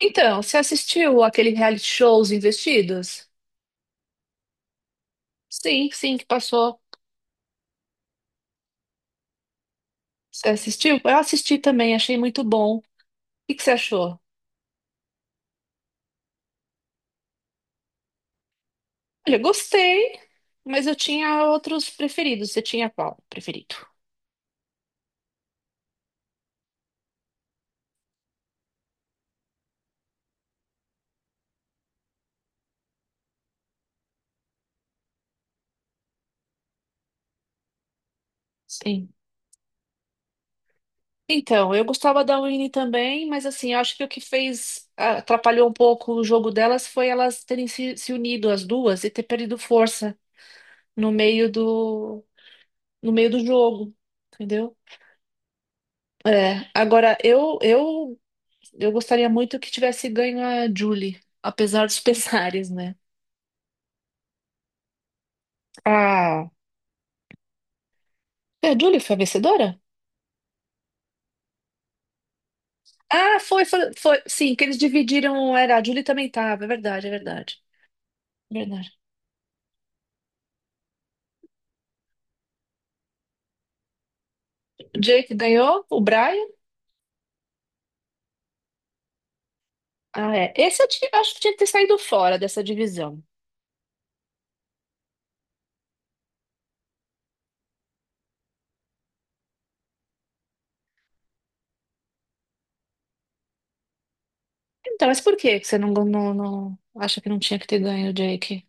Então, você assistiu aquele reality show Os Investidos? Sim, sim, que passou. Você assistiu? Eu assisti também, achei muito bom. O que que você achou? Olha, gostei, mas eu tinha outros preferidos. Você tinha qual preferido? Sim. Então, eu gostava da Winnie também, mas assim, eu acho que o que fez, ah, atrapalhou um pouco o jogo delas foi elas terem se unido as duas e ter perdido força no meio do, no meio do jogo, entendeu? É, agora eu gostaria muito que tivesse ganho a Julie, apesar dos pesares, né? Ah, é, a Julie foi a vencedora? Ah, foi, foi, foi, sim, que eles dividiram, era, a Julie também tava, é verdade, é verdade, é verdade. O Jake ganhou, o Brian. Ah, é. Esse eu acho que tinha que ter saído fora dessa divisão. Então, mas por que que você acha que não tinha que ter ganho o Jake?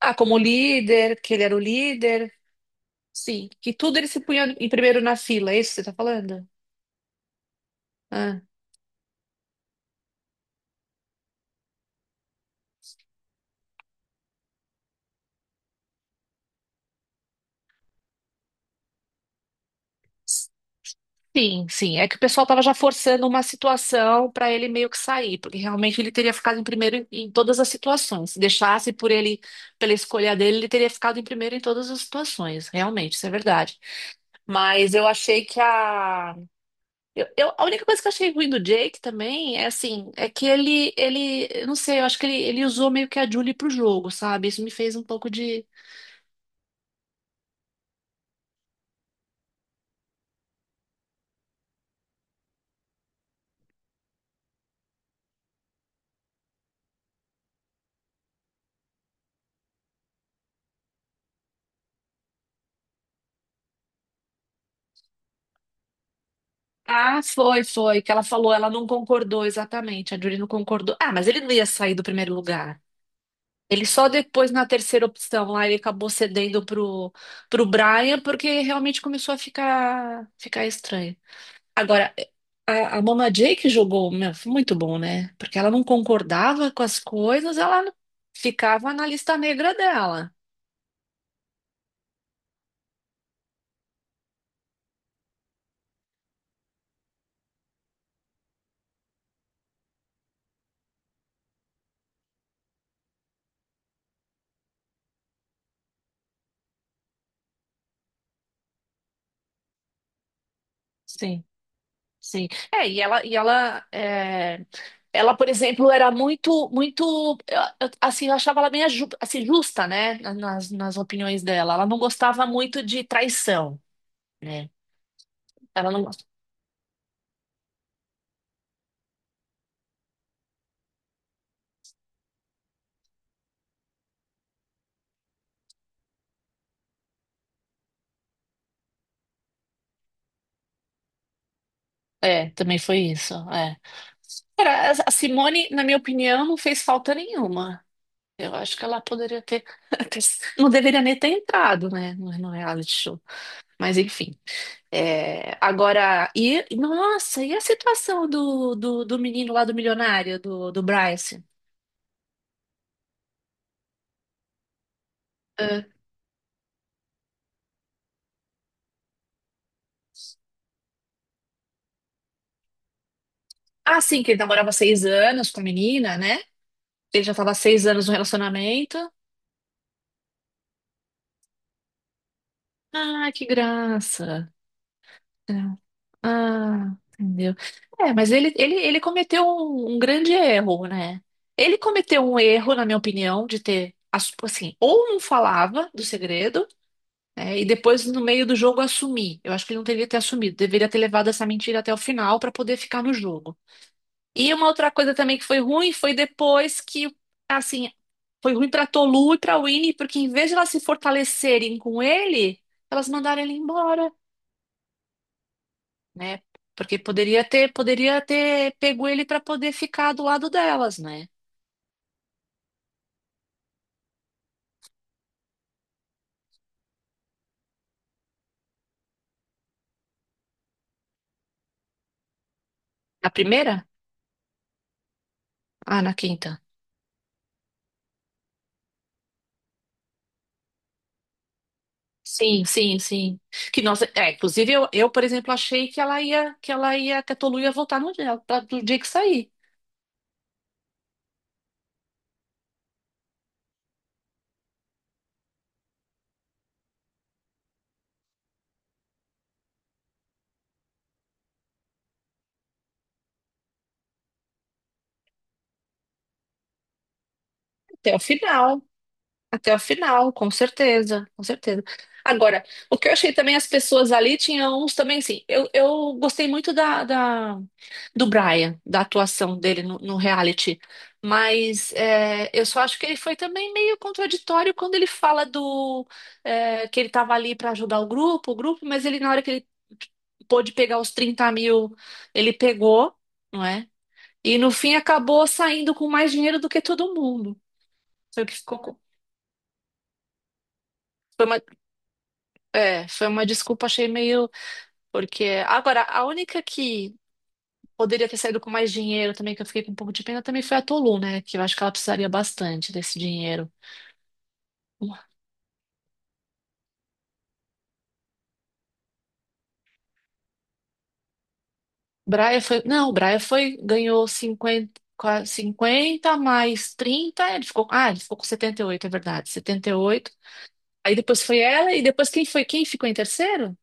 Ah, como líder, que ele era o líder. Sim, que tudo ele se punha em primeiro na fila, é isso que você tá falando? Ah, sim, sim. É que o pessoal tava já forçando uma situação para ele meio que sair, porque realmente ele teria ficado em primeiro em todas as situações. Se deixasse por ele, pela escolha dele, ele teria ficado em primeiro em todas as situações. Realmente, isso é verdade. Mas eu achei que a. A única coisa que eu achei ruim do Jake também é assim, é que eu não sei, eu acho que ele usou meio que a Julie pro jogo, sabe? Isso me fez um pouco de. Ah, foi, foi, que ela falou, ela não concordou exatamente, a Julie não concordou. Ah, mas ele não ia sair do primeiro lugar. Ele só depois, na terceira opção, lá ele acabou cedendo pro Brian, porque realmente começou a ficar estranho. Agora, a Mama Jay que jogou, meu, foi muito bom, né? Porque ela não concordava com as coisas, ela ficava na lista negra dela. Sim, sim. É, ela, por exemplo, era muito, muito, assim, eu achava ela bem assim, justa, né? Nas opiniões dela. Ela não gostava muito de traição, né? Ela não gosta. É, também foi isso, é. Cara, a Simone, na minha opinião, não fez falta nenhuma. Eu acho que ela poderia ter- não deveria nem ter entrado, né, no reality show. Mas enfim. É, agora, e nossa, e a situação do menino lá do milionário, do Bryce? É. Ah, sim, que ele namorava 6 anos com a menina, né? Ele já estava há 6 anos no relacionamento. Ah, que graça. É. Ah, entendeu? É, mas ele cometeu um grande erro, né? Ele cometeu um erro, na minha opinião, de assim, ou não falava do segredo, né, e depois no meio do jogo assumir. Eu acho que ele não deveria ter assumido, deveria ter levado essa mentira até o final para poder ficar no jogo. E uma outra coisa também que foi ruim foi depois assim, foi ruim para Tolu e para Winnie, porque em vez de elas se fortalecerem com ele, elas mandaram ele embora, né? Porque poderia ter pego ele para poder ficar do lado delas, né? Na primeira? Ah, na quinta. Sim, sim, sim. Que nós, é, inclusive eu, por exemplo, achei que a Tolu ia voltar no dia, do dia que sair. Até o final. Até o final, com certeza, com certeza. Agora, o que eu achei também, as pessoas ali tinham uns também, assim, eu gostei muito do Brian, da atuação dele no reality, mas é, eu só acho que ele foi também meio contraditório quando ele fala do é, que ele tava ali para ajudar o grupo, mas ele, na hora que ele pôde pegar os 30 mil, ele pegou, não é? E no fim acabou saindo com mais dinheiro do que todo mundo. Foi o que ficou. É, foi uma desculpa, achei meio. Porque. Agora, a única que poderia ter saído com mais dinheiro também, que eu fiquei com um pouco de pena, também foi a Tolu, né? Que eu acho que ela precisaria bastante desse dinheiro. Braia foi. Não, o Braia foi. Ganhou 50 mais 30. Ele ficou... Ah, ele ficou com 78, é verdade. 78. Aí depois foi ela, e depois quem foi? Quem ficou em terceiro?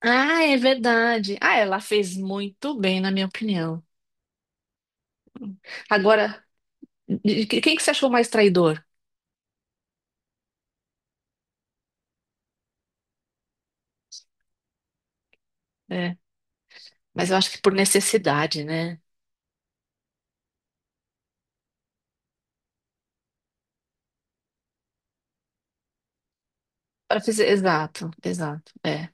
Ah, é verdade. Ah, ela fez muito bem, na minha opinião. Agora, quem que você achou mais traidor? É. Mas eu acho que por necessidade, né? Para fazer, exato, exato. É,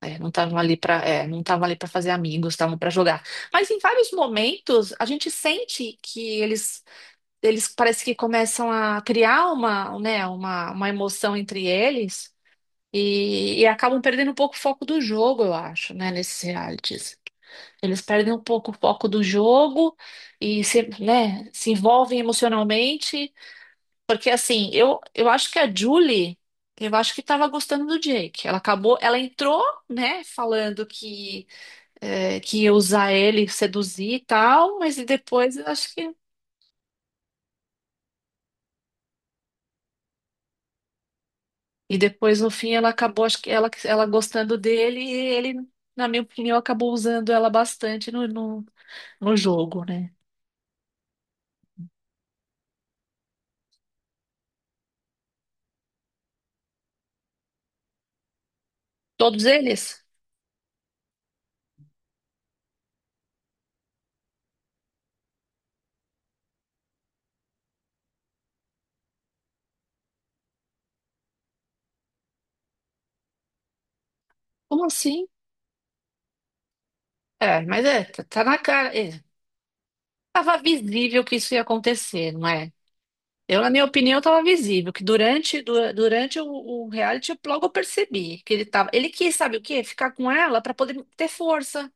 é, não estavam ali para, é, não estavam ali para fazer amigos, estavam para jogar. Mas em vários momentos a gente sente que eles parece que começam a criar uma, né, uma emoção entre eles e acabam perdendo um pouco o foco do jogo, eu acho, né, nesses realities. Eles perdem um pouco o foco do jogo e se, né, se envolvem emocionalmente. Porque assim, eu acho que a Julie, eu acho que tava gostando do Jake. Ela acabou, ela entrou, né, falando que, é, que ia usar ele, seduzir e tal, mas e depois eu acho que. E depois, no fim, ela acabou, acho que ela gostando dele, e ele, na minha opinião, acabou usando ela bastante no jogo, né? Todos eles? Como assim? É, mas é, tá, tá na cara. É. Tava visível que isso ia acontecer, não é? Eu, na minha opinião, estava visível, que durante o reality, eu logo percebi que ele tava. Ele quis, sabe o quê? Ficar com ela para poder ter força,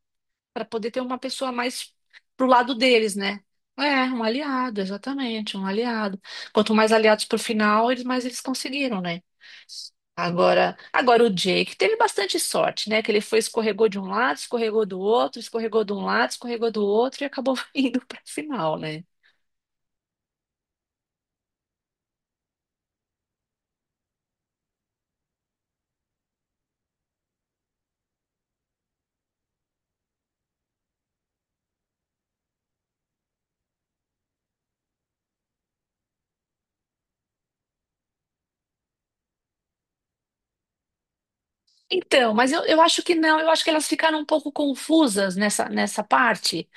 para poder ter uma pessoa mais pro lado deles, né? É, um aliado, exatamente, um aliado. Quanto mais aliados pro final, eles mais eles conseguiram, né? Agora, agora o Jake teve bastante sorte, né? Que ele foi, escorregou de um lado, escorregou do outro, escorregou de um lado, escorregou do outro e acabou indo para final, né? Então, mas eu acho que não, eu acho que elas ficaram um pouco confusas nessa parte.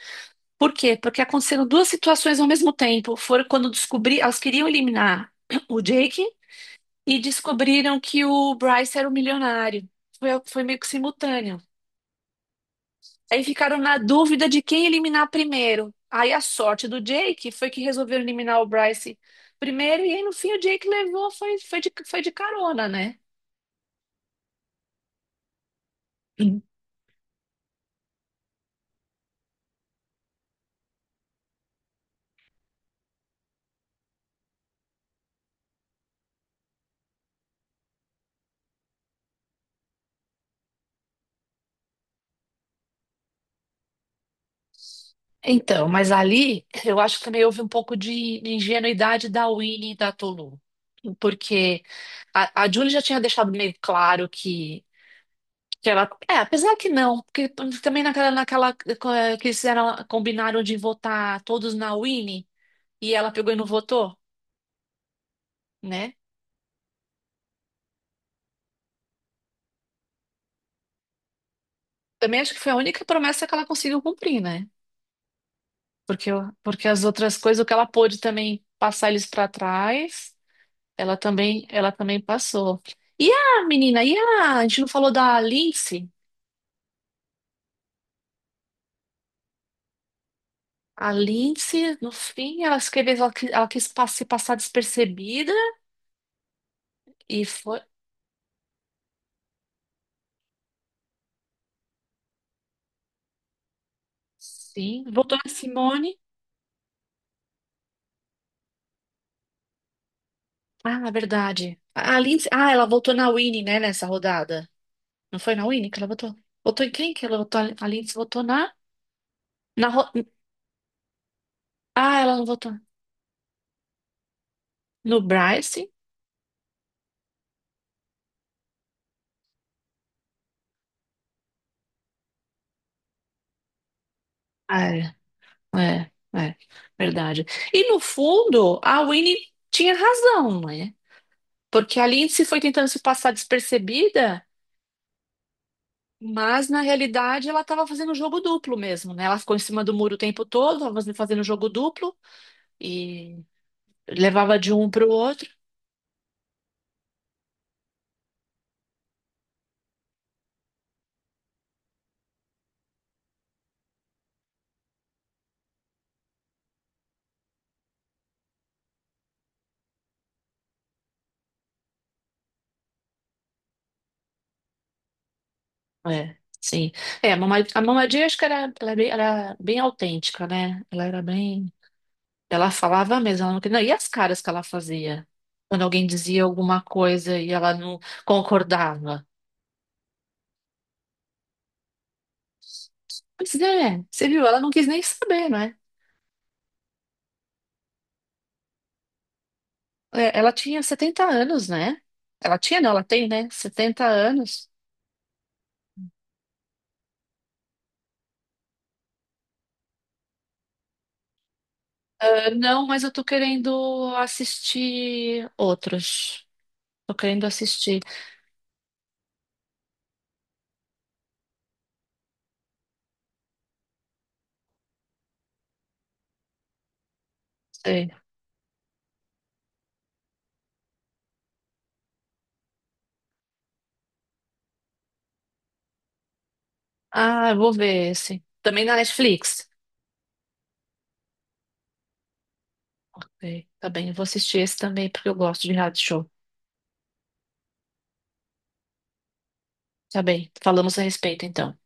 Por quê? Porque aconteceram duas situações ao mesmo tempo. Foram quando descobri, elas queriam eliminar o Jake e descobriram que o Bryce era o milionário. Foi, foi meio que simultâneo. Aí ficaram na dúvida de quem eliminar primeiro. Aí a sorte do Jake foi que resolveram eliminar o Bryce primeiro, e aí no fim o Jake levou, foi, foi de carona, né? Então, mas ali eu acho que também houve um pouco de ingenuidade da Winnie e da Tolu. Porque a Julie já tinha deixado meio claro que ela. É, apesar que não, porque também naquela que eles fizeram- combinaram de votar todos na Winnie e ela pegou e não votou, né? Também acho que foi a única promessa que ela conseguiu cumprir, né? Porque, o- porque as outras coisas, o que ela pôde também passar eles para trás. Ela também passou. E a menina, e a gente não falou da Lindsay? A Lindsay, no fim, ela escreveu, ela, ela quis se passar despercebida e foi. Sim, voltou na Simone. Ah, na verdade. A Lindsay, ah, ela voltou na Winnie, né, nessa rodada. Não foi na Winnie que ela votou? Votou em quem que ela votou? A Lindsay votou na, na. ro- ah, ela não votou. No Bryce? Ah, é, é, é, verdade. E no fundo, a Winnie tinha razão, né? Porque a Lindsay foi tentando se passar despercebida, mas na realidade ela estava fazendo jogo duplo mesmo, né? Ela ficou em cima do muro o tempo todo, estava fazendo jogo duplo e levava de um para o outro. É, sim. É, a Mama Jay, acho que era, ela é era bem autêntica, né? Ela era bem. Ela falava mesmo, ela não queria. E as caras que ela fazia? Quando alguém dizia alguma coisa e ela não concordava. Pois é, você viu? Ela não quis nem saber, né? É, ela tinha 70 anos, né? Ela tinha, não, ela tem, né? 70 anos. Ah, não, mas eu tô querendo assistir outros. Tô querendo assistir. Sei. Ah, eu vou ver esse. Também na Netflix. Ok, tá bem. Eu vou assistir esse também porque eu gosto de reality show. Tá bem. Falamos a respeito, então.